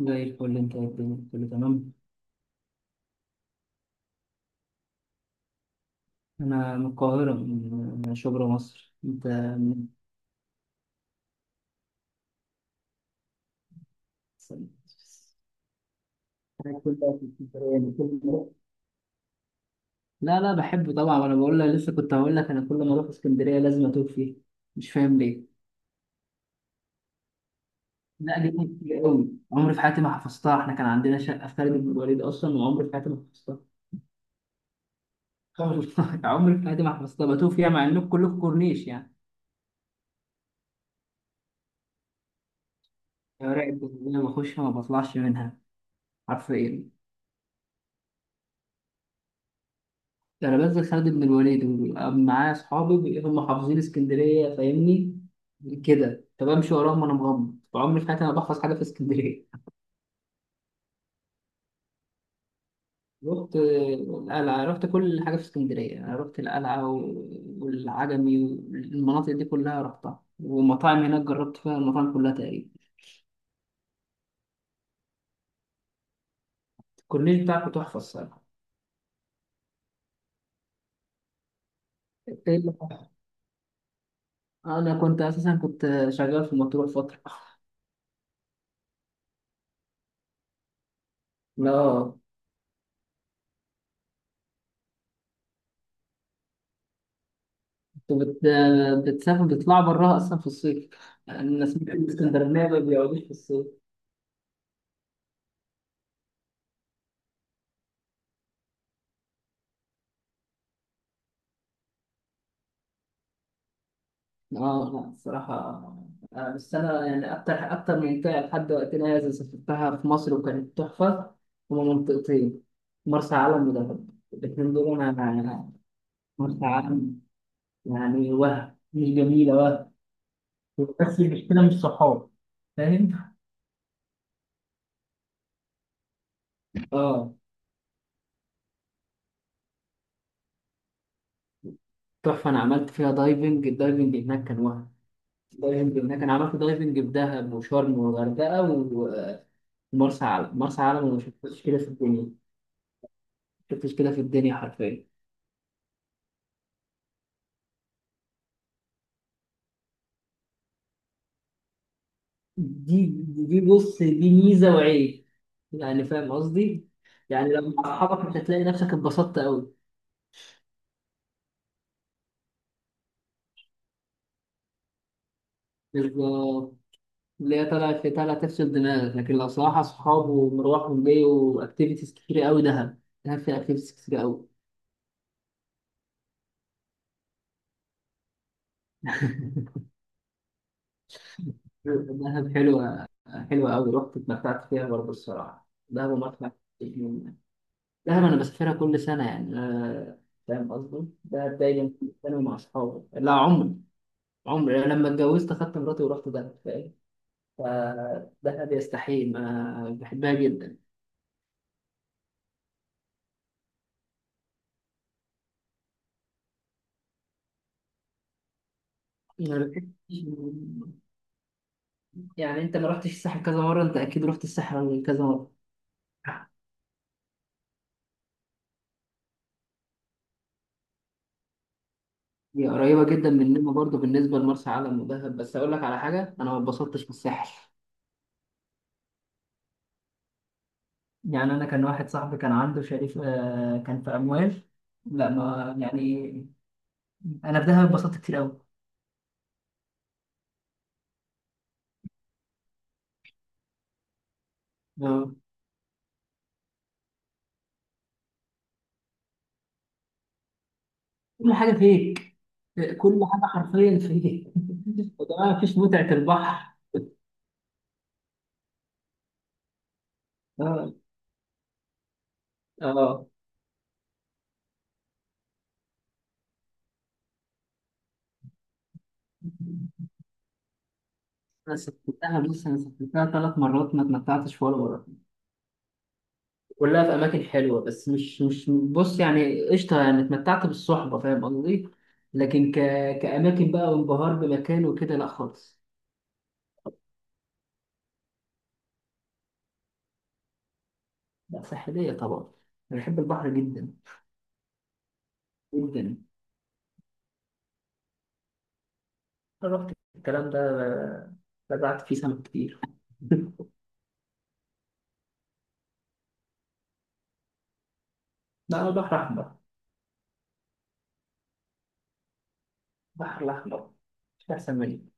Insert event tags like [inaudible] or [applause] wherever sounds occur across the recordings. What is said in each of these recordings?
زي الفل، انت ايه الدنيا؟ كله تمام. انا من القاهرة، من شبرا مصر. انت من؟ أنا كل ده في اسكندرية، أنا كل ما- لا، بحب طبعا. انا بقول لك، لسه كنت هقول لك انا كل ما اروح اسكندرية لازم اتوه فيه، مش فاهم ليه. لا، دي كانت كتير قوي، عمري في حياتي ما حفظتها. احنا كان عندنا شقة في خالد بن الوليد اصلا، وعمري في حياتي ما حفظتها. والله [laughs] عمري في حياتي ما حفظتها، بتوه فيها مع انكم كلكم كورنيش يعني. يا راقب، بس أنا بخش ما بطلعش منها، حرفيا. ده انا بنزل خالد بن الوليد وبيبقى معايا اصحابي هم حافظين اسكندريه، فاهمني كده، فبمشي وراهم وانا مغمض. فعمري في حياتي انا بحفظ حاجه في اسكندريه. [laughs] رحت القلعه، رحت كل حاجه في اسكندريه. انا رحت والعجمي والمناطق دي كلها رحتها، ومطاعم هناك جربت فيها المطاعم كلها تقريبا. الكورنيش بتاعك تحفه الصراحه. إنت إيه اللي حصل؟ انا كنت اساسا كنت شغال في مطروح فتره. لا. وبت... بتسافر بيطلعوا براها اصلا في الصيف. انا سمعت ان الاسكندرانيه ما بيقعدوش في الصيف. اه لا الصراحه، بس انا يعني اكتر اكتر منطقه لحد وقتنا هذا سافرتها في مصر وكانت تحفه. هما منطقتين، مرسى علم ودهب، الاثنين دول مرسى علم، يعني وهم مش جميله وهم، بس المشكله مش صحاب، فاهم. اه تحفه، انا عملت فيها دايفنج، الدايفنج هناك كان وهم. دايفنج هناك، انا عملت دايفنج في دهب وشرم والغردقه ومرسى علم. مرسى علم انا ما شفتش كده في الدنيا، ما شفتش كده في الدنيا حرفيا. دي دي بص، دي ميزه وعيب، يعني فاهم قصدي؟ يعني لو مع اصحابك مش هتلاقي نفسك اتبسطت قوي. بالظبط، اللي هي طالعه في طالعه تفصل دماغك. لكن لو صراحه اصحاب ومروح وجاي واكتيفيتيز كتير قوي، دهب، دهب فيها اكتيفيتيز كتير قوي. [laughs] دهب حلوة، حلوة أوي، رحت اتمتعت فيها برضه الصراحة، دهب ومطلع الجيم. دهب أنا بسافرها كل سنة، يعني فاهم قصدي؟ دهب دايما كل سنة مع أصحابي. لا عمري عمري أنا لما اتجوزت أخدت مراتي ورحت دهب، فاهم؟ فدهب يستحيل، ما بحبها جدا. ما بحبش- يعني أنت ما رحتش الساحل كذا مرة؟ أنت أكيد رحت الساحل كذا مرة. هي قريبة جدا مننا برضه بالنسبة لمرسى علم ودهب، بس أقول لك على حاجة، أنا ما اتبسطتش في الساحل. يعني انا كان واحد صاحبي كان عنده شريك، كان في اموال. لا ما يعني، انا في دهب اتبسطت كتير قوي. آه. كل حاجه فيك، كل حاجه حرفيا فيك. [laughs] وكمان مفيش متعه البحر. اه. اه انا سافرتها، بص انا سافرتها ثلاث مرات ما اتمتعتش ولا مره. كلها في اماكن حلوه، بس مش بص، يعني قشطه، يعني اتمتعت بالصحبه فاهم قصدي، لكن ك... كاماكن بقى وانبهار بمكان وكده لا خالص. لا ساحلية طبعا، أنا بحب البحر جدا. جدا، أنا رحت الكلام ده، بدأت فيه سمك كتير. [laughs] لا أنا بحر أحمر، البحر الأحمر، مش أحسن مني.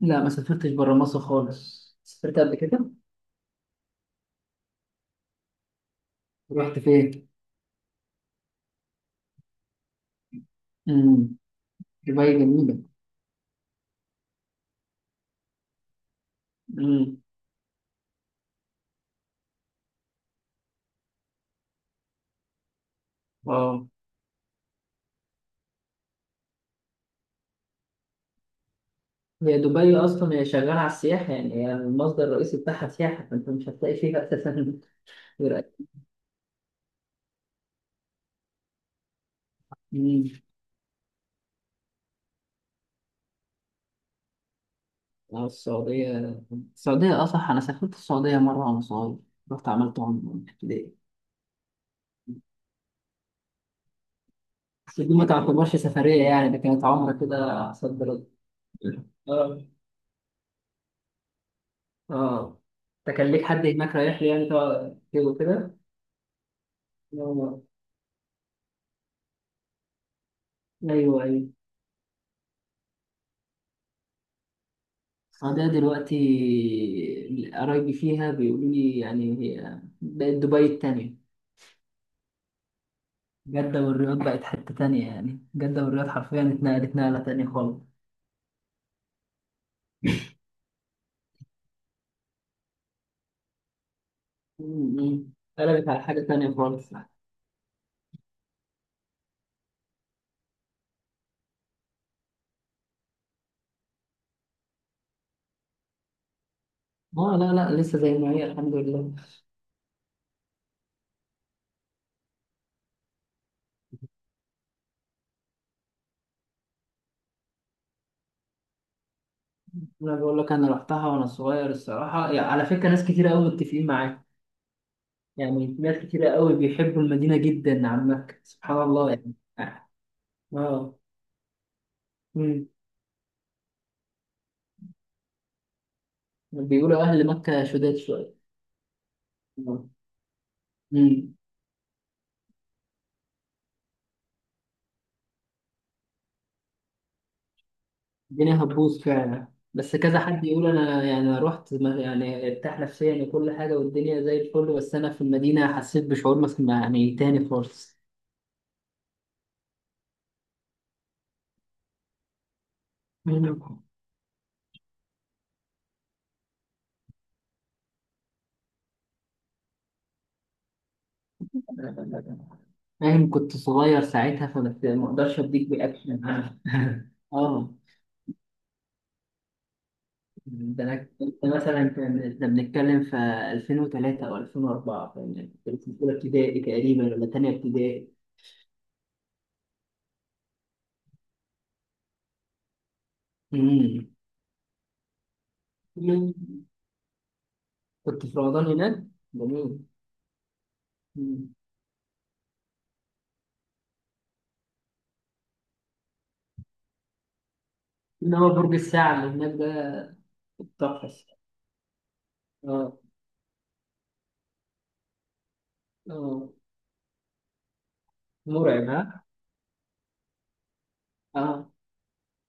لا ما سافرتش برا مصر خالص، سافرت قبل كده. رحت فين؟ مم. دبي جميلة. مم. واو. هي دبي أصلا هي شغالة على السياحة، يعني هي المصدر الرئيسي بتاعها سياحة، فأنت مش هتلاقي فيها أساسا. [laughs] غير أكل. اه السعودية، السعودية أصح، أنا سافرت السعودية مرة وأنا صغير، رحت عملت عمرة في ابتدائي. بس دي ما تعتبرش سفرية، يعني ده كانت عمرة كده. عسل بلد. اه. اه ده كان ليك حد هناك رايح لي يعني تقعد كده وكده. آه. أيوه أيوه. السعودية دلوقتي قرايبي فيها بيقولوا لي، يعني هي بقت دبي التانية. جدة والرياض بقت حتة تانية، يعني جدة والرياض حرفيا اتنقلت نقلة تانية خالص. م- م. قلبت على حاجة تانية خالص. اه لا لا، لسه زي ما هي الحمد لله. انا بقول لك انا رحتها وانا صغير الصراحه، يعني على فكره ناس كتير قوي متفقين معاك، يعني ناس كتير قوي بيحبوا المدينه جدا عن مكه، سبحان الله يعني. اه. امم. بيقولوا اهل مكه شداد شويه. آه. امم. الدنيا هتبوظ فعلا. بس كذا حد يقول، انا يعني أنا رحت ما- يعني ارتاح نفسيا وكل حاجه والدنيا زي الفل، بس انا في المدينه حسيت بشعور مثلا يعني تاني خالص. مم. فاهم كنت صغير ساعتها، ما اقدرش اديك رياكشن. [laughs] اه. ده انا كنت مثلا كان احنا بنتكلم في 2003 او 2004، فاهم يعني كنت في اولى ابتدائي تقريبا ولا تانية ابتدائي. أمم. كنت في رمضان هناك. جميل. أمم. انما برج الساعه اللي هناك ده تحفه. اه. اه مرعب ها. اه.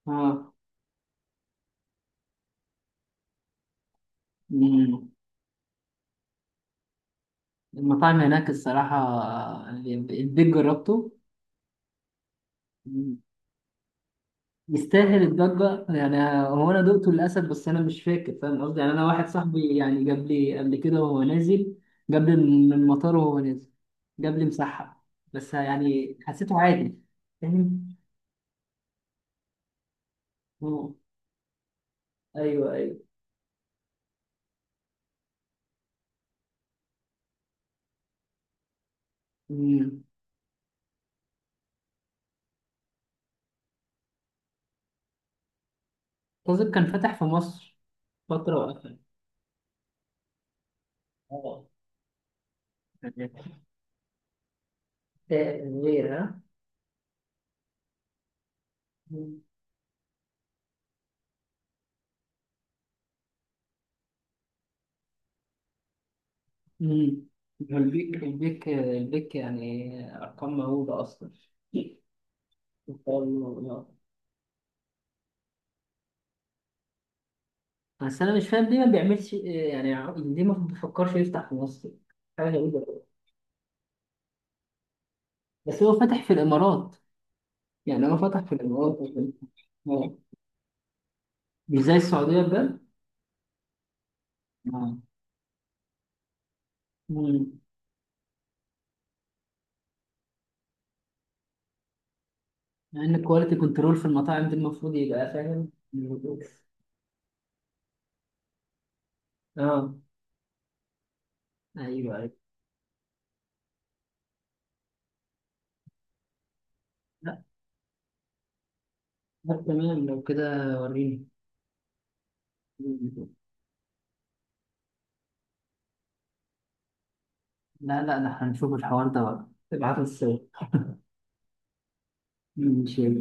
اه. أمم. المطاعم هناك الصراحه، البيت جربته، يستاهل الضجة يعني. هو أنا دقته للأسف، بس أنا مش فاكر، فاهم قصدي؟ يعني أنا واحد صاحبي يعني جاب لي قبل كده وهو نازل، جاب لي من المطار وهو نازل، جاب لي مسحب، بس يعني حسيته عادي، فاهم. أه. أيوه أيوه. أمم. قصدي كان فتح في مصر فترة وقفل. اه. آه، غير ها. أمم. أمم. البيك البيك البيك، يعني أرقام مهولة أصلا. [laughs] بس انا مش فاهم ليه ما بيعملش، يعني ليه ما بيفكرش يفتح في مصر؟ حاجه غريبه أوي. بس هو فتح في الامارات، يعني هو فتح في الامارات. آه. مش زي السعوديه بجد. آه. مم. مع ان الكواليتي كنترول في المطاعم دي المفروض يبقى فاهم. اه ايوه ايوه. لا لا تمام لو كده، وريني. لا لا، ده احنا هنشوف الحوار ده بقى، ابعت الصور. ماشي.